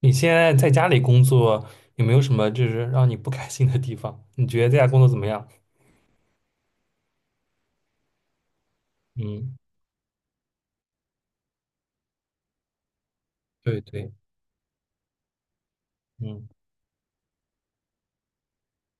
你现在在家里工作，有没有什么就是让你不开心的地方？你觉得在家工作怎么样？嗯，对对，嗯，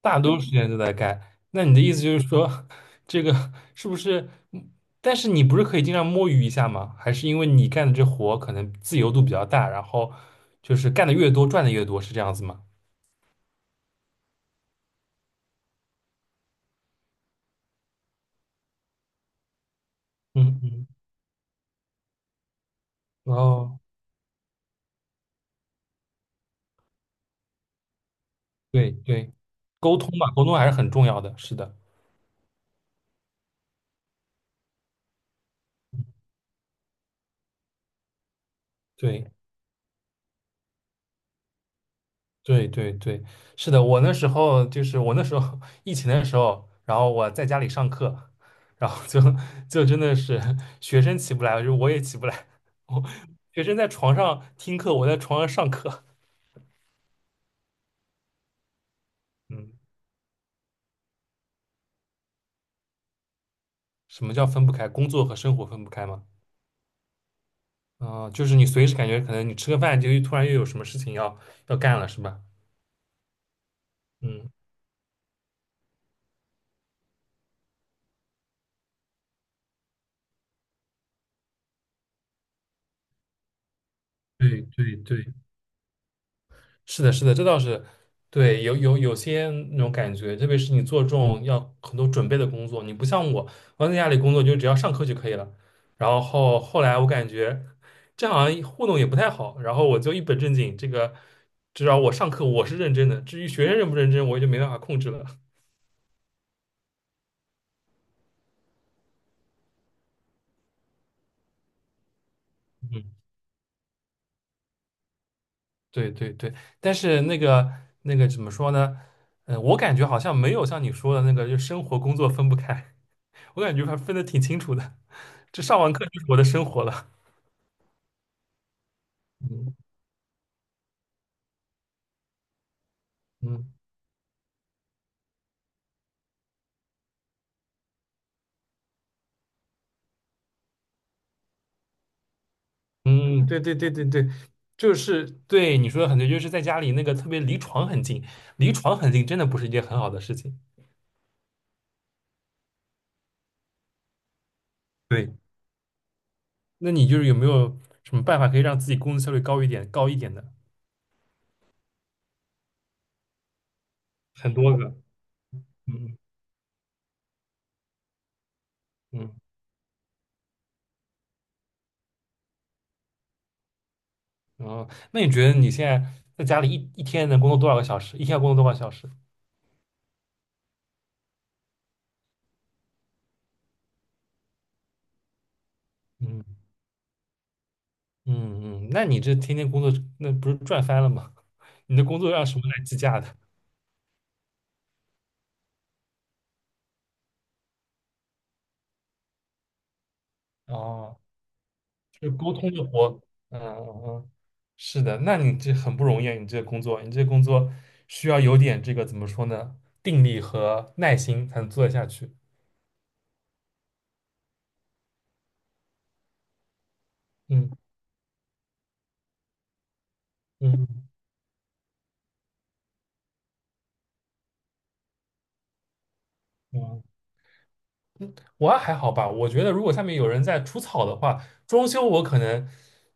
大多数时间都在干。那你的意思就是说，这个是不是？嗯但是你不是可以经常摸鱼一下吗？还是因为你干的这活可能自由度比较大，然后就是干的越多，赚的越多，是这样子吗？嗯嗯，哦，对对，沟通嘛，沟通还是很重要的，是的，对。对对对，是的，我那时候 疫情的时候，然后我在家里上课，然后就真的是学生起不来，就我也起不来，我学生在床上听课，我在床上上课。嗯，什么叫分不开？工作和生活分不开吗？啊，就是你随时感觉可能你吃个饭就突然又有什么事情要干了，是吧？嗯，对对对。是的，是的，这倒是对，有些那种感觉，特别是你做这种要很多准备的工作，你不像我，我在家里工作就只要上课就可以了。然后后来我感觉这好像糊弄也不太好，然后我就一本正经，这个至少我上课我是认真的，至于学生认不认真，我就没办法控制了。嗯，对对对，但是那个怎么说呢？我感觉好像没有像你说的那个，就生活工作分不开，我感觉还分的挺清楚的。这上完课就是我的生活了。嗯嗯嗯，对对对对对，就是对你说的很对，就是在家里那个特别离床很近，离床很近真的不是一件很好的事情。对，那你就是有没有什么办法可以让自己工作效率高一点、高一点的？很多个，嗯嗯嗯。哦，那你觉得你现在在家里一天能工作多少个小时？一天要工作多少小时？嗯嗯嗯，那你这天天工作，那不是赚翻了吗？你的工作让什么来计价的？哦就沟通的活，嗯嗯嗯，是的，那你这很不容易啊，你这个工作，需要有点这个怎么说呢，定力和耐心才能做得下去。嗯嗯嗯，我啊还好吧，我觉得如果下面有人在除草的话，装修我可能，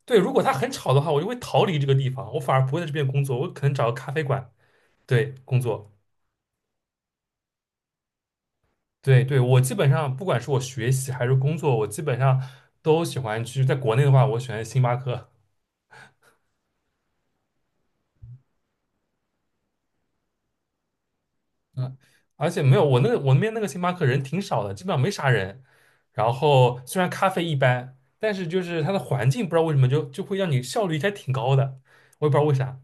对，如果他很吵的话，我就会逃离这个地方，我反而不会在这边工作，我可能找个咖啡馆，对，工作。对对，我基本上不管是我学习还是工作，我基本上都喜欢去。在国内的话，我喜欢星巴克；嗯，而且没有，我那边那个星巴克人挺少的，基本上没啥人。然后虽然咖啡一般，但是就是它的环境不知道为什么就会让你效率还挺高的，我也不知道为啥。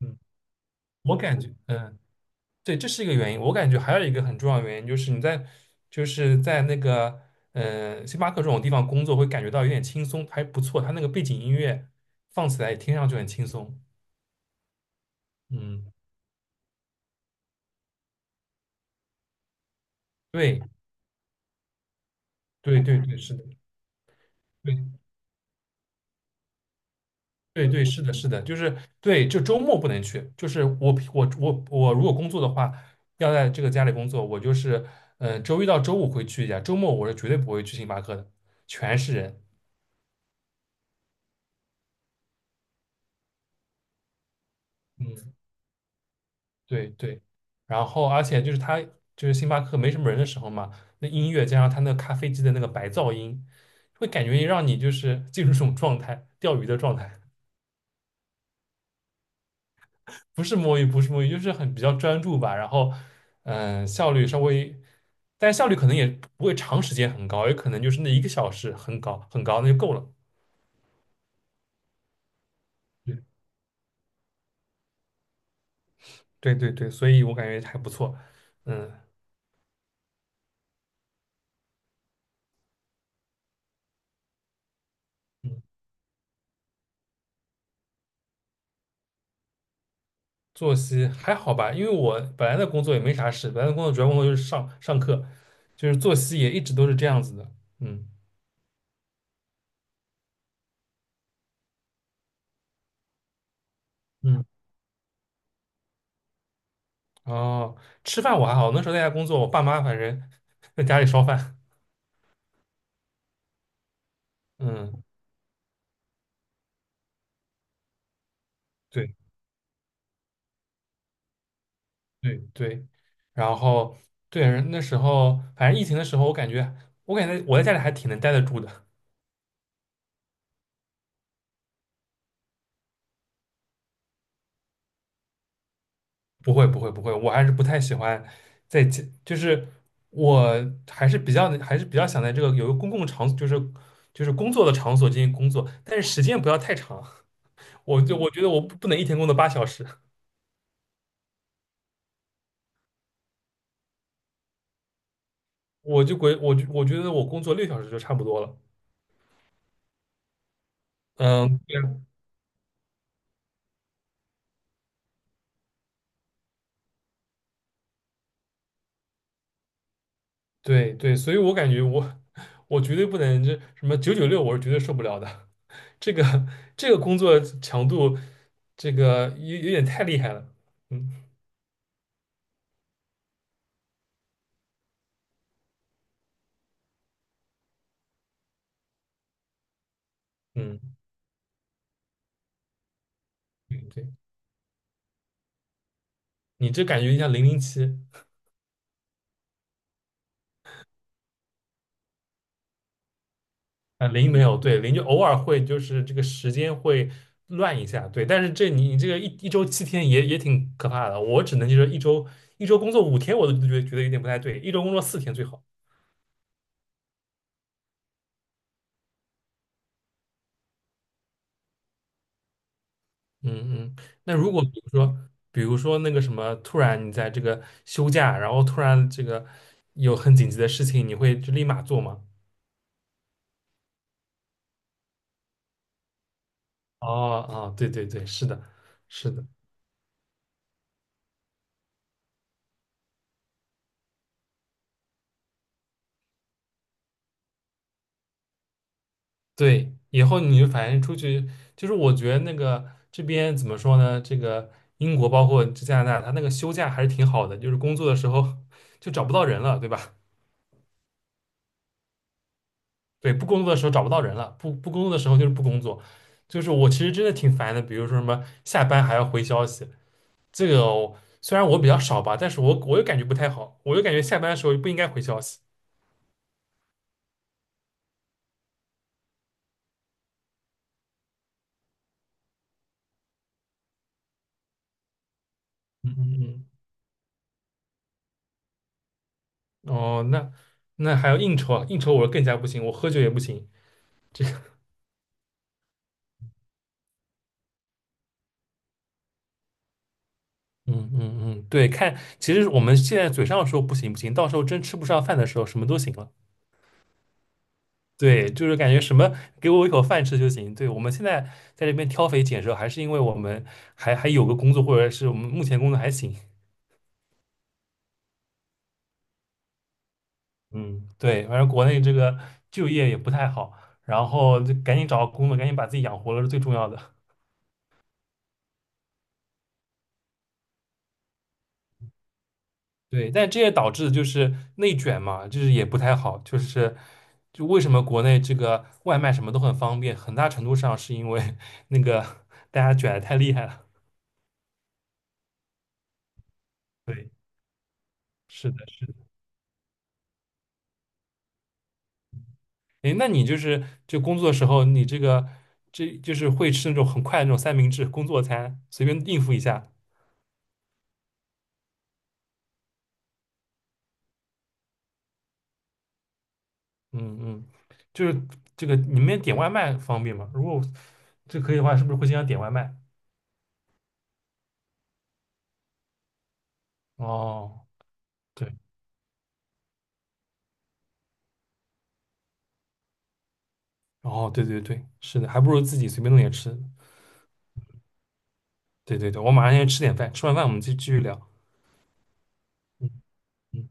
嗯，我感觉，嗯，对，这是一个原因。我感觉还有一个很重要的原因就是在那个星巴克这种地方工作会感觉到有点轻松，还不错。它那个背景音乐放起来也听上去很轻松。嗯，对对对对，是的。对。对对，是的，是的，就是对，就周末不能去。就是我如果工作的话，要在这个家里工作，我就是周一到周五会去一下，周末我是绝对不会去星巴克的，全是人。嗯，对对。然后而且就是星巴克没什么人的时候嘛，那音乐加上他那个咖啡机的那个白噪音，会感觉让你就是进入这种状态，钓鱼的状态。不是摸鱼，不是摸鱼，就是很比较专注吧。然后，效率稍微，但效率可能也不会长时间很高，也可能就是那一个小时很高很高，那就够了。对对对对，所以我感觉还不错。嗯，嗯作息还好吧，因为我本来的工作也没啥事，本来的工作主要工作就是上课，就是作息也一直都是这样子的。嗯嗯，哦，吃饭我还好，那时候在家工作，我爸妈反正 在家里烧饭。嗯。对。对对，然后对那时候，反正疫情的时候，我感觉我在家里还挺能待得住的，不会不会不会，我还是不太喜欢在家，就是我还是比较想在这个有一个公共场所，就是工作的场所进行工作，但是时间不要太长，我觉得我不能一天工作8小时，我觉得我工作6小时就差不多了，嗯，对啊对对，所以我感觉我绝对不能就什么996，我是绝对受不了的。这个 这个工作强度，这个有点太厉害了。嗯嗯，对对，你这感觉像007啊，零没有，对，零就偶尔会就是这个时间会乱一下，对，但是这你这个一周7天也挺可怕的，我只能就是一周工作5天，我都觉得有点不太对，一周工作4天最好。嗯嗯，那如果比如说那个什么，突然你在这个休假，然后突然这个有很紧急的事情，你会就立马做吗？哦哦，对对对，是的，是的，对。以后你就反正出去，就是我觉得那个这边怎么说呢？这个英国包括这加拿大，它那个休假还是挺好的，就是工作的时候就找不到人了，对吧？对，不工作的时候找不到人了，不工作的时候就是不工作。就是我其实真的挺烦的，比如说什么下班还要回消息，这个我虽然我比较少吧，但是我又感觉不太好，我又感觉下班的时候不应该回消息。嗯嗯嗯。哦，那还要应酬啊？应酬我更加不行，我喝酒也不行。嗯嗯嗯，对，看，其实我们现在嘴上说不行不行，到时候真吃不上饭的时候，什么都行了。对，就是感觉什么给我一口饭吃就行。对，我们现在在这边挑肥拣瘦，还是因为我们还有个工作，或者是我们目前工作还行。嗯，对，反正国内这个就业也不太好，然后就赶紧找个工作，赶紧把自己养活了是最重要的。对，但这也导致就是内卷嘛，就是也不太好。就是为什么国内这个外卖什么都很方便，很大程度上是因为 那个大家卷的太厉害了。对，是的，是的。诶，那你就是工作的时候，你这个这就是会吃那种很快的那种三明治工作餐，随便应付一下。嗯嗯，就是这个你们点外卖方便吗？如果这可以的话，是不是会经常点外卖？哦，对，哦，对对对，是的，还不如自己随便弄点吃。对对对，我马上先去吃点饭，吃完饭我们就继续聊。嗯嗯。